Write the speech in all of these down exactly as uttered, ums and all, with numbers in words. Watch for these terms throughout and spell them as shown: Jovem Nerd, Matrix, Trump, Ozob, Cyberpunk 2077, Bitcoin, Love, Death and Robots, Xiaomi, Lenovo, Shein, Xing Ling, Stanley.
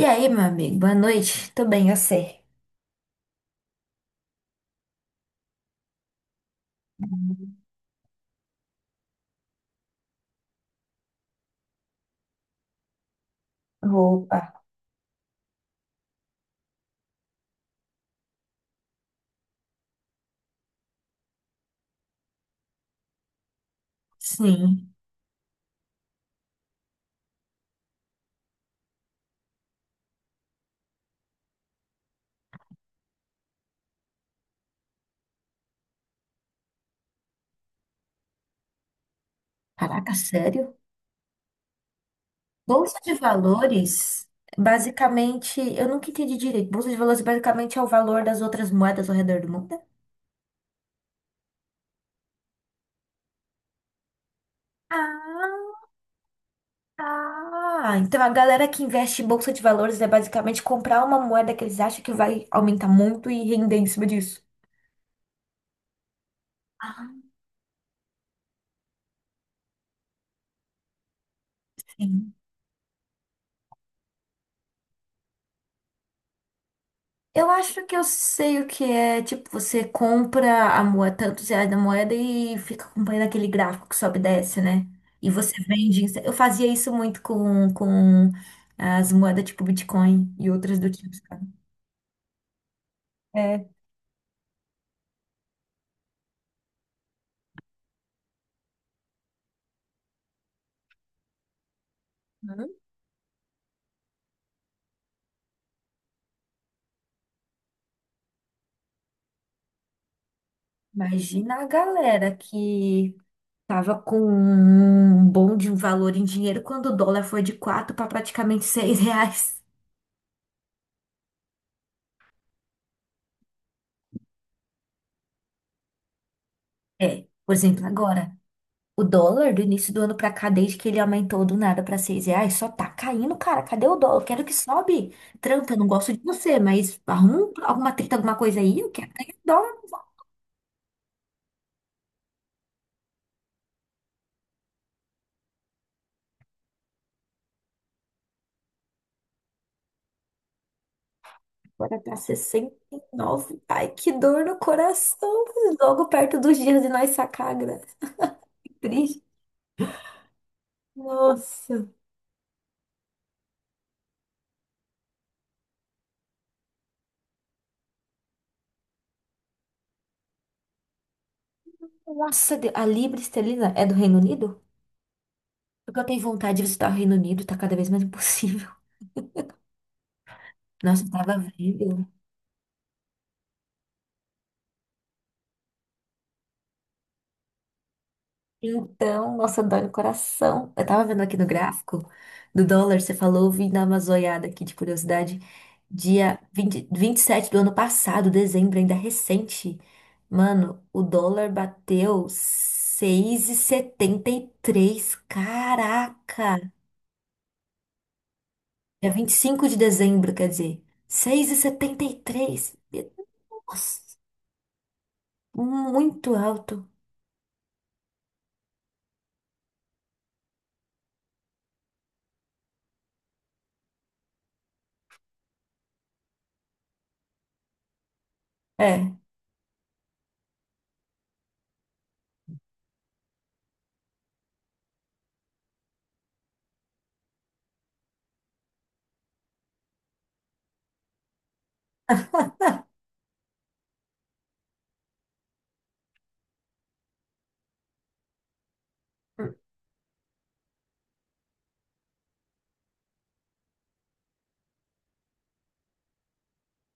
E aí, meu amigo, boa noite. Tô bem, eu sei. Roupa. Sim. Caraca, sério? Bolsa de valores, basicamente, eu nunca entendi direito. Bolsa de valores basicamente é o valor das outras moedas ao redor do mundo? Ah, ah. Então a galera que investe em bolsa de valores é basicamente comprar uma moeda que eles acham que vai aumentar muito e render em cima disso. Ah, sim. Eu acho que eu sei o que é. Tipo, você compra a moeda, tantos reais da moeda e fica acompanhando aquele gráfico que sobe e desce, né? E você vende. Eu fazia isso muito com, com as moedas tipo Bitcoin e outras do tipo, sabe? É. Hã? Imagina a galera que tava com um bom de um valor em dinheiro quando o dólar foi de quatro para praticamente seis reais. É, por exemplo, agora. O dólar do início do ano pra cá, desde que ele aumentou do nada pra seis reais, só tá caindo, cara. Cadê o dólar? Eu quero que sobe. Tranca, eu não gosto de você, mas arruma um- alguma treta, alguma coisa aí. Eu quero ganhar dólar. Agora tá sessenta e nove. Ai, que dor no coração. Logo perto dos dias de nós sacar a graça. Que triste. Nossa. Nossa, Deus. A libra esterlina é do Reino Unido? Porque eu tenho vontade de visitar o Reino Unido, tá cada vez mais impossível. Nossa, eu tava vendo. Então, nossa, dói no coração. Eu tava vendo aqui no gráfico do dólar, você falou, vim dar uma zoiada aqui de curiosidade. Dia vinte vinte e sete do ano passado, dezembro, ainda recente. Mano, o dólar bateu seis e setenta e três. Caraca! É vinte e cinco de dezembro, quer dizer, seis vírgula setenta e três. Nossa, muito alto. É,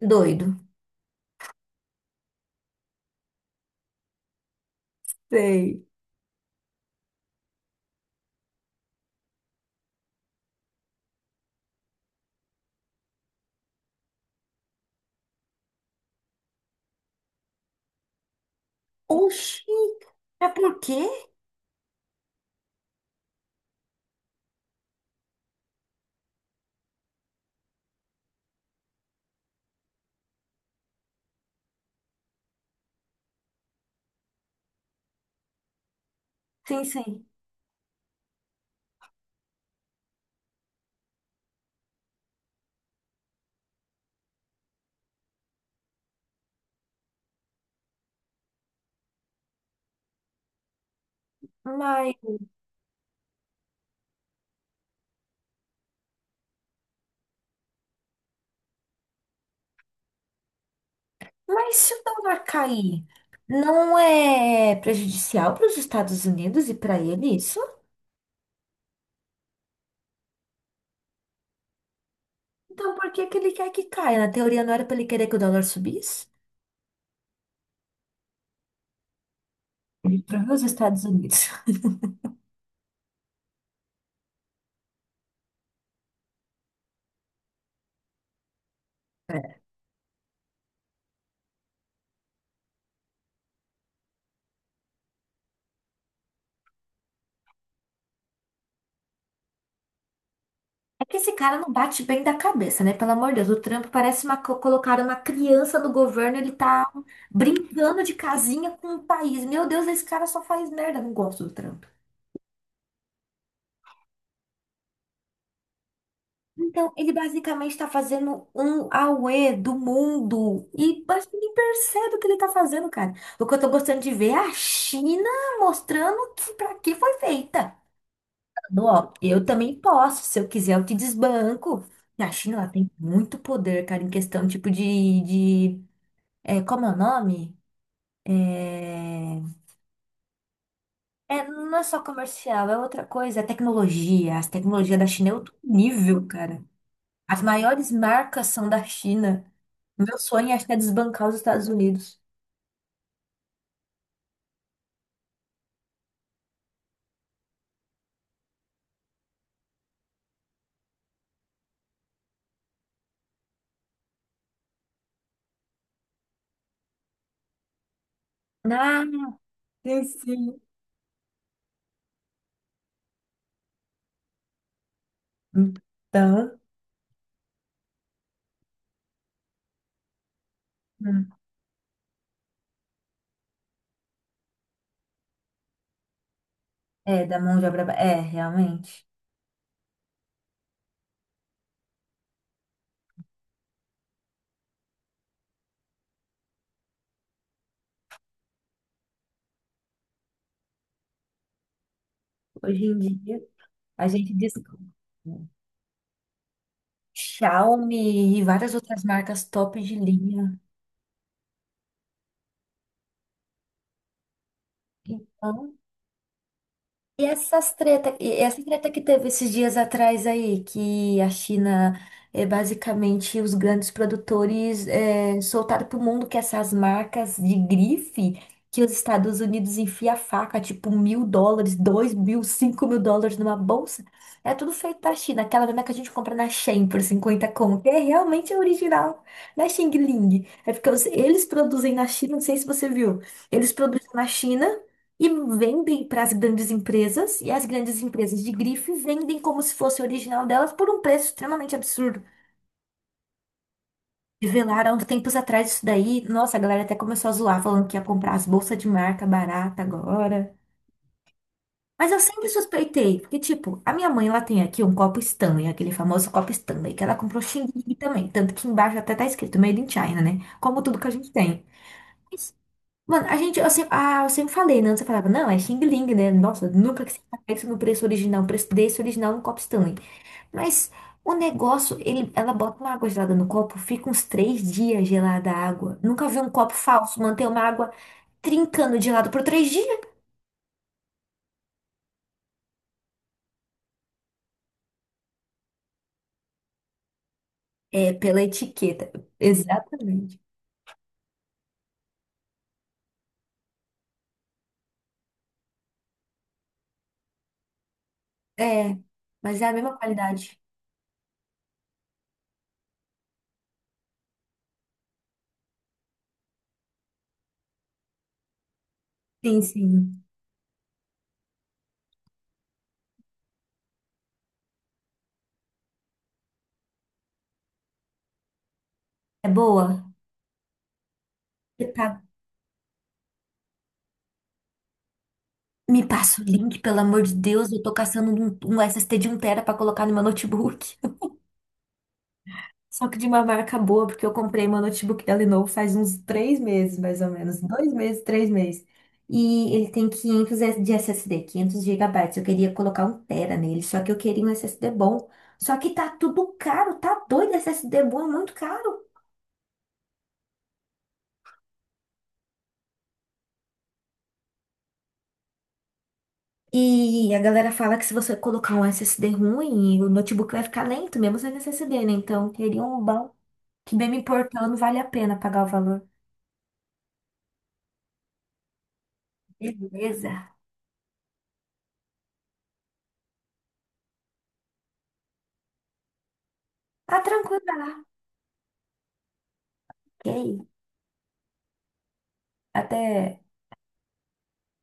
doido. Sei. Oxi, é por quê? Sim, sim. Mas, mas se o dólar cair, não é prejudicial para os Estados Unidos e para ele isso? Então por que que ele quer que caia? Na teoria não era para ele querer que o dólar subisse? Ele trouxe os Estados Unidos. É. É que esse cara não bate bem da cabeça, né? Pelo amor de Deus, o Trump parece uma, co- colocaram uma criança no governo, ele tá brincando de casinha com o país. Meu Deus, esse cara só faz merda. Não gosto do Trump. Então, ele basicamente está fazendo um auê do mundo. E acho que nem percebe o que ele está fazendo, cara. O que eu tô gostando de ver é a China mostrando que para que foi feita. Falando, ó, eu também posso. Se eu quiser, eu te desbanco. E a China, ela tem muito poder, cara, em questão, tipo, de... de é, como é o nome? É... é, não é só comercial, é outra coisa. É tecnologia. As tecnologias da China é outro nível, cara. As maiores marcas são da China. Meu sonho acho que é desbancar os Estados Unidos. Ah, sim, sim. Então, hum, é, da mão de obra. Ba- é, realmente. Hoje em dia, a gente diz Xiaomi e várias outras marcas top de linha. Então, e essas treta, e essa treta que teve esses dias atrás aí, que a China é basicamente os grandes produtores é, soltaram pro mundo que essas marcas de grife que os Estados Unidos enfia a faca, tipo mil dólares, dois mil, cinco mil dólares numa bolsa, é tudo feito da China, aquela mesma que a gente compra na Shein por cinquenta conto, é realmente original, na Xing Ling. É porque os- eles produzem na China, não sei se você viu, eles produzem na China e vendem para as grandes empresas, e as grandes empresas de grife vendem como se fosse original delas por um preço extremamente absurdo. Revelaram há uns tempos atrás isso daí. Nossa, a galera até começou a zoar, falando que ia comprar as bolsas de marca barata agora. Mas eu sempre suspeitei, porque, tipo, a minha mãe, ela tem aqui um copo Stanley, aquele famoso copo Stanley, que ela comprou Xing também. Tanto que embaixo até tá escrito Made in China, né? Como tudo que a gente tem. Mano, a gente, eu sempre, ah, eu sempre falei, né? Você falava, não, é Xing Ling, né? Nossa, nunca que você pega isso no preço original, o preço desse original no copo Stanley. Mas o negócio, ele, ela bota uma água gelada no copo, fica uns três dias gelada a água. Nunca vi um copo falso manter uma água trincando de lado por três dias. É, pela etiqueta. Exatamente. É, mas é a mesma qualidade. Sim, sim. É boa. Você tá- Me passa o link, pelo amor de Deus. Eu tô caçando um, um S S D de um tera pra colocar no meu notebook. Só que de uma marca boa, porque eu comprei meu notebook da Lenovo faz uns três meses, mais ou menos. Dois meses, três meses. E ele tem quinhentos de S S D, quinhentos gigabytes. Eu queria colocar um tera nele, só que eu queria um S S D bom. Só que tá tudo caro, tá doido. S S D bom é muito caro. E a galera fala que se você colocar um S S D ruim, o notebook vai ficar lento, mesmo sem S S D, né? Então, eu queria um bom, que bem me importando, vale a pena pagar o valor. Beleza. Ah, tranquila. Ok. Até.